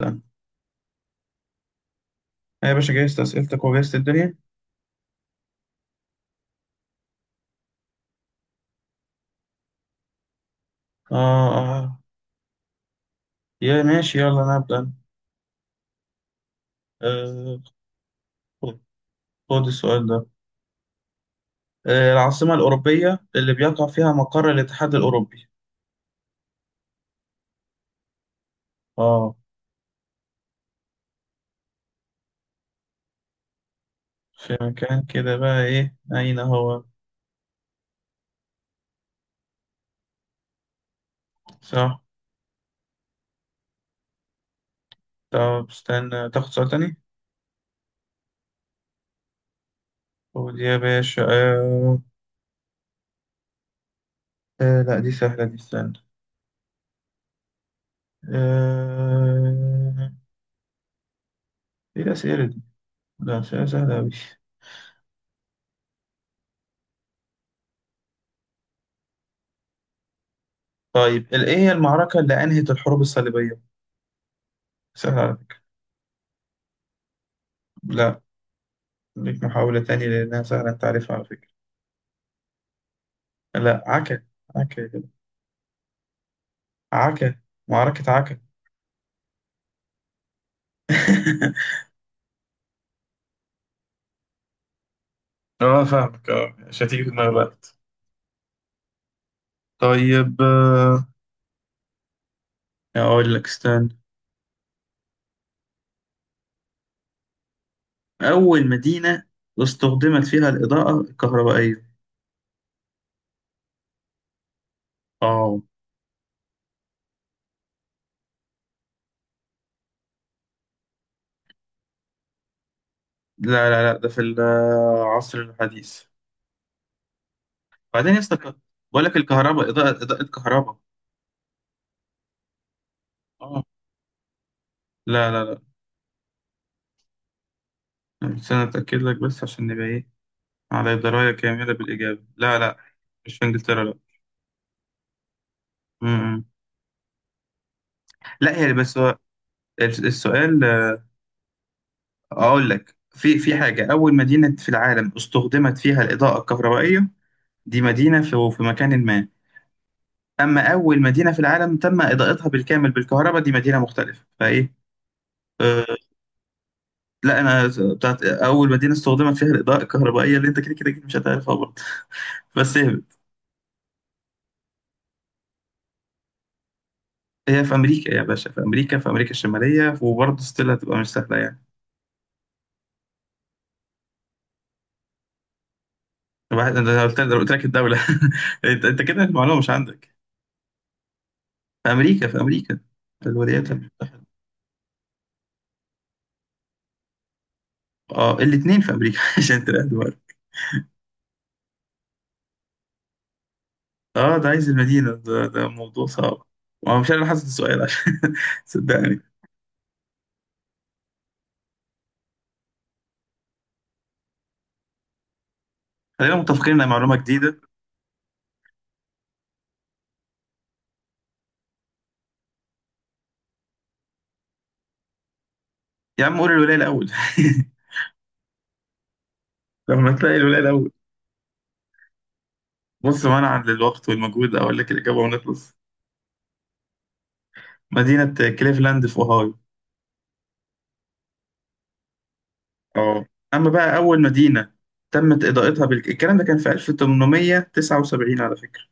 أبدأ. أنا يا باشا جهزت أسئلتك وجهزت الدنيا. آه، آه. يا ماشي، يلا أنا أبدأ. آه. خد، خد السؤال ده. آه، العاصمة الأوروبية اللي بيقع فيها مقر الاتحاد الأوروبي؟ آه. في مكان كده بقى، إيه، أين هو؟ صح. طب استنى تاخد سؤال تاني. خد يا باشا. آه. آه، لا دي سهلة دي، استنى. آه. إيه الأسئلة دي؟ لا، أسئلة سهلة أوي. طيب، إيه هي المعركة اللي أنهت الحروب الصليبية؟ سهلة على فكرة. لا. ليك محاولة تانية، لأنها سهلة، أنت عارفها على فكرة. لا، عكا. عكا يا جدع. عكا. معركة عكا. اه، فاهمك، اه، مش هتيجي في دماغي الوقت. طيب، أقول لك استنى. أول مدينة استخدمت فيها الإضاءة الكهربائية؟ اه. لا، لا، لا، ده في العصر الحديث. بعدين يا اسطى. بقول لك الكهرباء، إضاءة، إضاءة كهرباء. اه. لا، لا، لا. استنى أتأكد لك، بس عشان نبقى إيه، على دراية كاملة بالإجابة. لا، لا. مش في إنجلترا. لا، لا، هي، بس هو السؤال، اقول لك في حاجه، اول مدينه في العالم استخدمت فيها الاضاءه الكهربائيه، دي مدينه في مكان ما. اما اول مدينه في العالم تم اضاءتها بالكامل بالكهرباء، دي مدينه مختلفه، فايه؟ أه. لا، انا، بتاعت اول مدينه استخدمت فيها الاضاءه الكهربائيه، اللي انت كده كده أكيد مش هتعرفها برضه. بس هي، هي في امريكا يا باشا، في امريكا، في امريكا الشماليه، وبرضه ستيل هتبقى مش سهله يعني. واحد، انا قلت لك الدوله. انت كده المعلومه مش عندك. في امريكا، في امريكا، في الولايات المتحده. اه، الاثنين في امريكا. عشان تلاقي دول. اه، ده عايز المدينه، ده موضوع صعب. وانا مش انا حاسس السؤال، عشان، صدقني. خلينا متفقين انها معلومه جديده. يا عم، قول الولايه الاول. لما تلاقي الولايه الاول. بص، منعا للوقت والمجهود، اقول لك الاجابه ونخلص. مدينه كليفلاند في اوهايو. اه، اما بقى اول مدينه تمت اضاءتها الكلام ده كان في 1879 على فكره.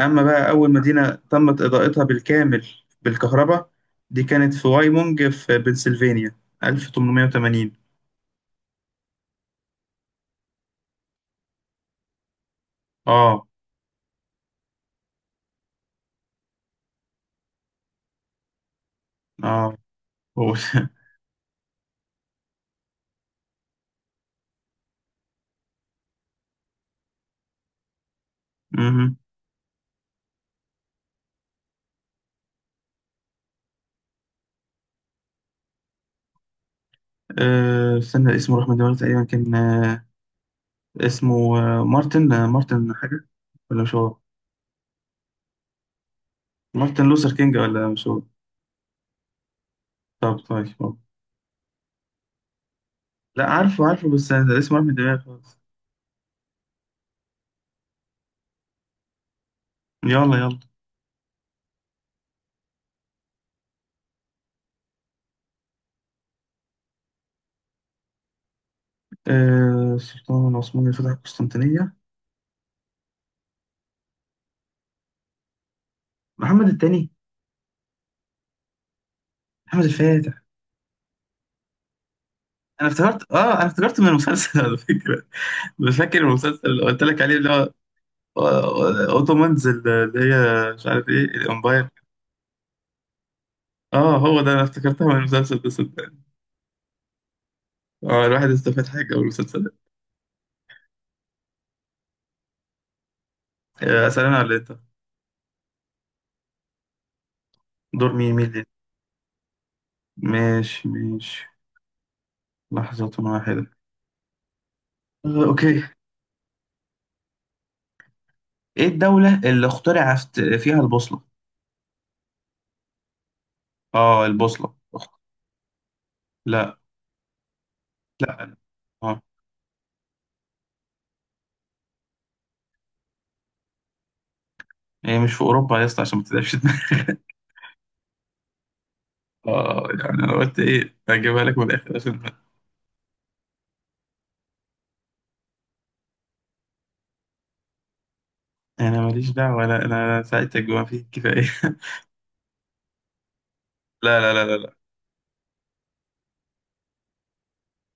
أما بقى أول مدينة تمت إضاءتها بالكامل بالكهرباء، دي كانت في وايمونج في بنسلفانيا، 1880. آه. آه قول. مهم. آه، استنى، اسمه راح من دماغي تقريبا، كان، اسمه، مارتن حاجة. ولا مش هو؟ مارتن لوثر كينج، ولا مش هو؟ طب، طيب، طب. لا، عارفه عارفه، بس أنا اسمه راح من دماغي خالص. يلا، يلا. آه، السلطان العثماني اللي فتح القسطنطينية؟ محمد الثاني. محمد الفاتح. انا افتكرت من المسلسل، على فكره. مش فاكر المسلسل اللي قلت لك عليه، اللي هو آه، اوتومانز، اللي هي مش عارف ايه، الامباير. اه، هو ده، انا افتكرتها من المسلسل ده، صدقني. اه، الواحد استفاد حاجه من المسلسل ده. آه، اسال انا ولا انت؟ دور مين اللي، ماشي، ماشي، لحظة واحدة. آه، اوكي. ايه الدولة اللي اخترع فيها البوصلة؟ اه، البوصلة. لا، لا، اه، هي مش في اوروبا يا اسطى، عشان ما تتعبش دماغك. اه يعني، انا قلت ايه، اجيبها لك من الاخر عشان انا ماليش دعوه، ولا انا ساعدتك بما فيه الكفايه. لا، لا، لا، لا، لا.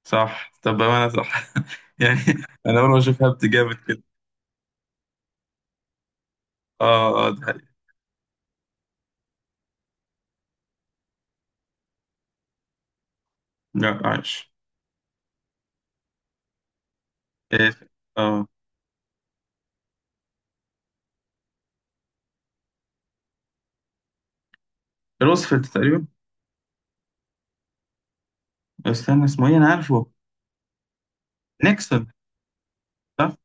صح، طب بامانه، صح. يعني، انا اول ما اشوف هبت جامد كده. اه، اه، ده حقيقي. لا، عايش. إيه، اه. روزفلت تقريبا. استنى، اسمه ايه، انا عارفه. نيكسون، صح.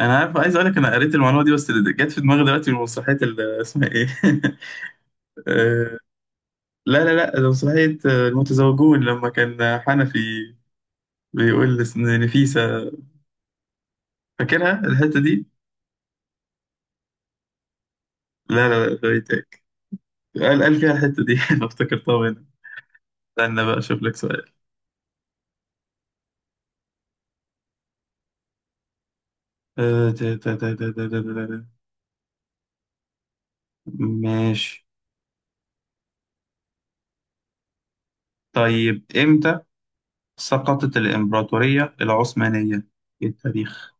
انا عارف، عايز اقول لك، انا قريت المعلومه دي، بس اللي جت في دماغي دلوقتي من مسرحيه، اسمها ايه. آه، لا، لا، لا، ده مسرحيه، المتزوجون، لما كان حنفي بيقول لنفيسة. فاكرها الحتة دي؟ لا، لا، لا، فايتك. قال فيها الحتة دي. أنا افتكرتها هنا. استنى بقى أشوف لك سؤال. تا- تا- تا- تا- تا- تا- تا- تا. ماشي. طيب، إمتى سقطت الإمبراطورية العثمانية في التاريخ؟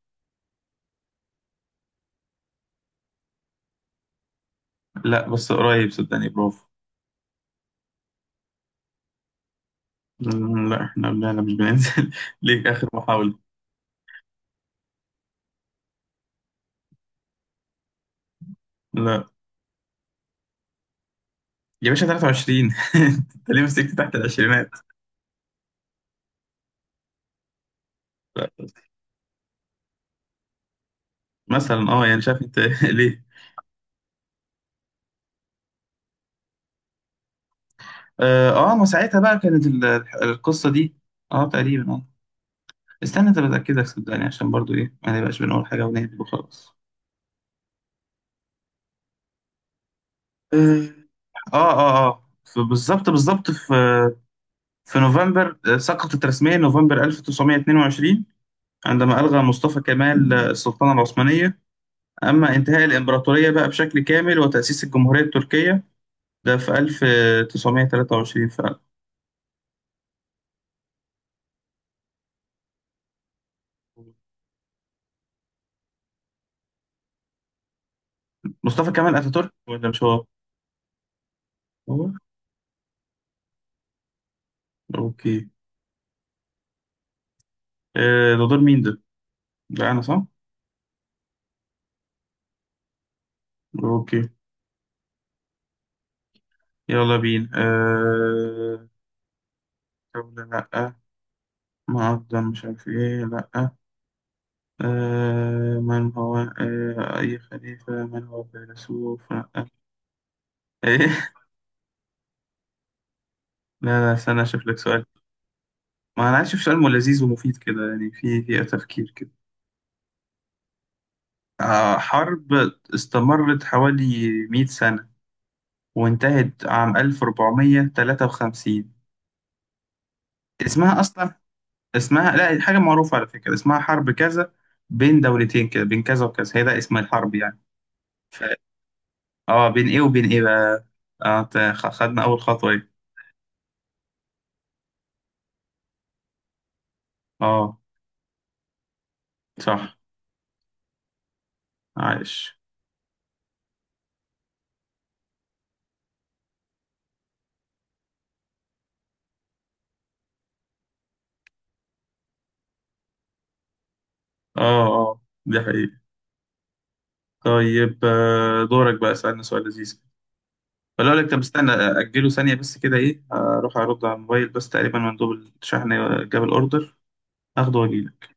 لا، بس قريب، صدقني، برافو. لا، احنا، لا، لا، مش بننزل. ليك آخر محاولة. لا. يا باشا، 23. انت ليه مسكت تحت العشرينات؟ لا، مثلا، يعني شايف انت، ليه؟ اه. آه، ما ساعتها بقى كانت القصه دي. اه، تقريبا، استنى، طب اتاكدك، صدقني عشان برضو، ايه، ما نبقاش بنقول حاجه ونهبد وخلاص. اه، اه، اه، بالظبط بالظبط في نوفمبر، سقطت رسميا نوفمبر 1922، عندما ألغى مصطفى كمال السلطنة العثمانية. أما انتهاء الإمبراطورية بقى بشكل كامل وتأسيس الجمهورية التركية، ده في 1923 فعلا. مصطفى كمال أتاتورك، ولا مش هو؟ هو؟ أوكي. آه، ده دور مين ده؟ لا، أنا، صح؟ أوكي. يلا بينا دولة، لأ. معظم مش عارف إيه، لأ، أه... آه، أي خليفة، من هو فيلسوف لأ، إيه. لا، لا، استنى أشوف لك سؤال. ما أنا عايز أشوف سؤال لذيذ ومفيد كده، يعني في تفكير كده. آه، حرب استمرت حوالي 100 سنة، وانتهت عام 1453. اسمها أصلا، اسمها لا حاجة معروفة على فكرة، اسمها حرب كذا، بين دولتين كده، بين كذا وكذا، هي ده اسم الحرب يعني. ف... اه، بين ايه وبين ايه بقى. اه، خدنا أول خطوة، ايه. اه. صح. عايش. اه، اه، دي حقيقة. طيب، آه، دورك بقى، اسألنا سؤال لذيذ. ولا أقول لك، طب استنى أجله ثانية بس كده، إيه، أروح أرد على الموبايل، بس تقريبا مندوب الشحن جاب الأوردر، أخده وأجيلك.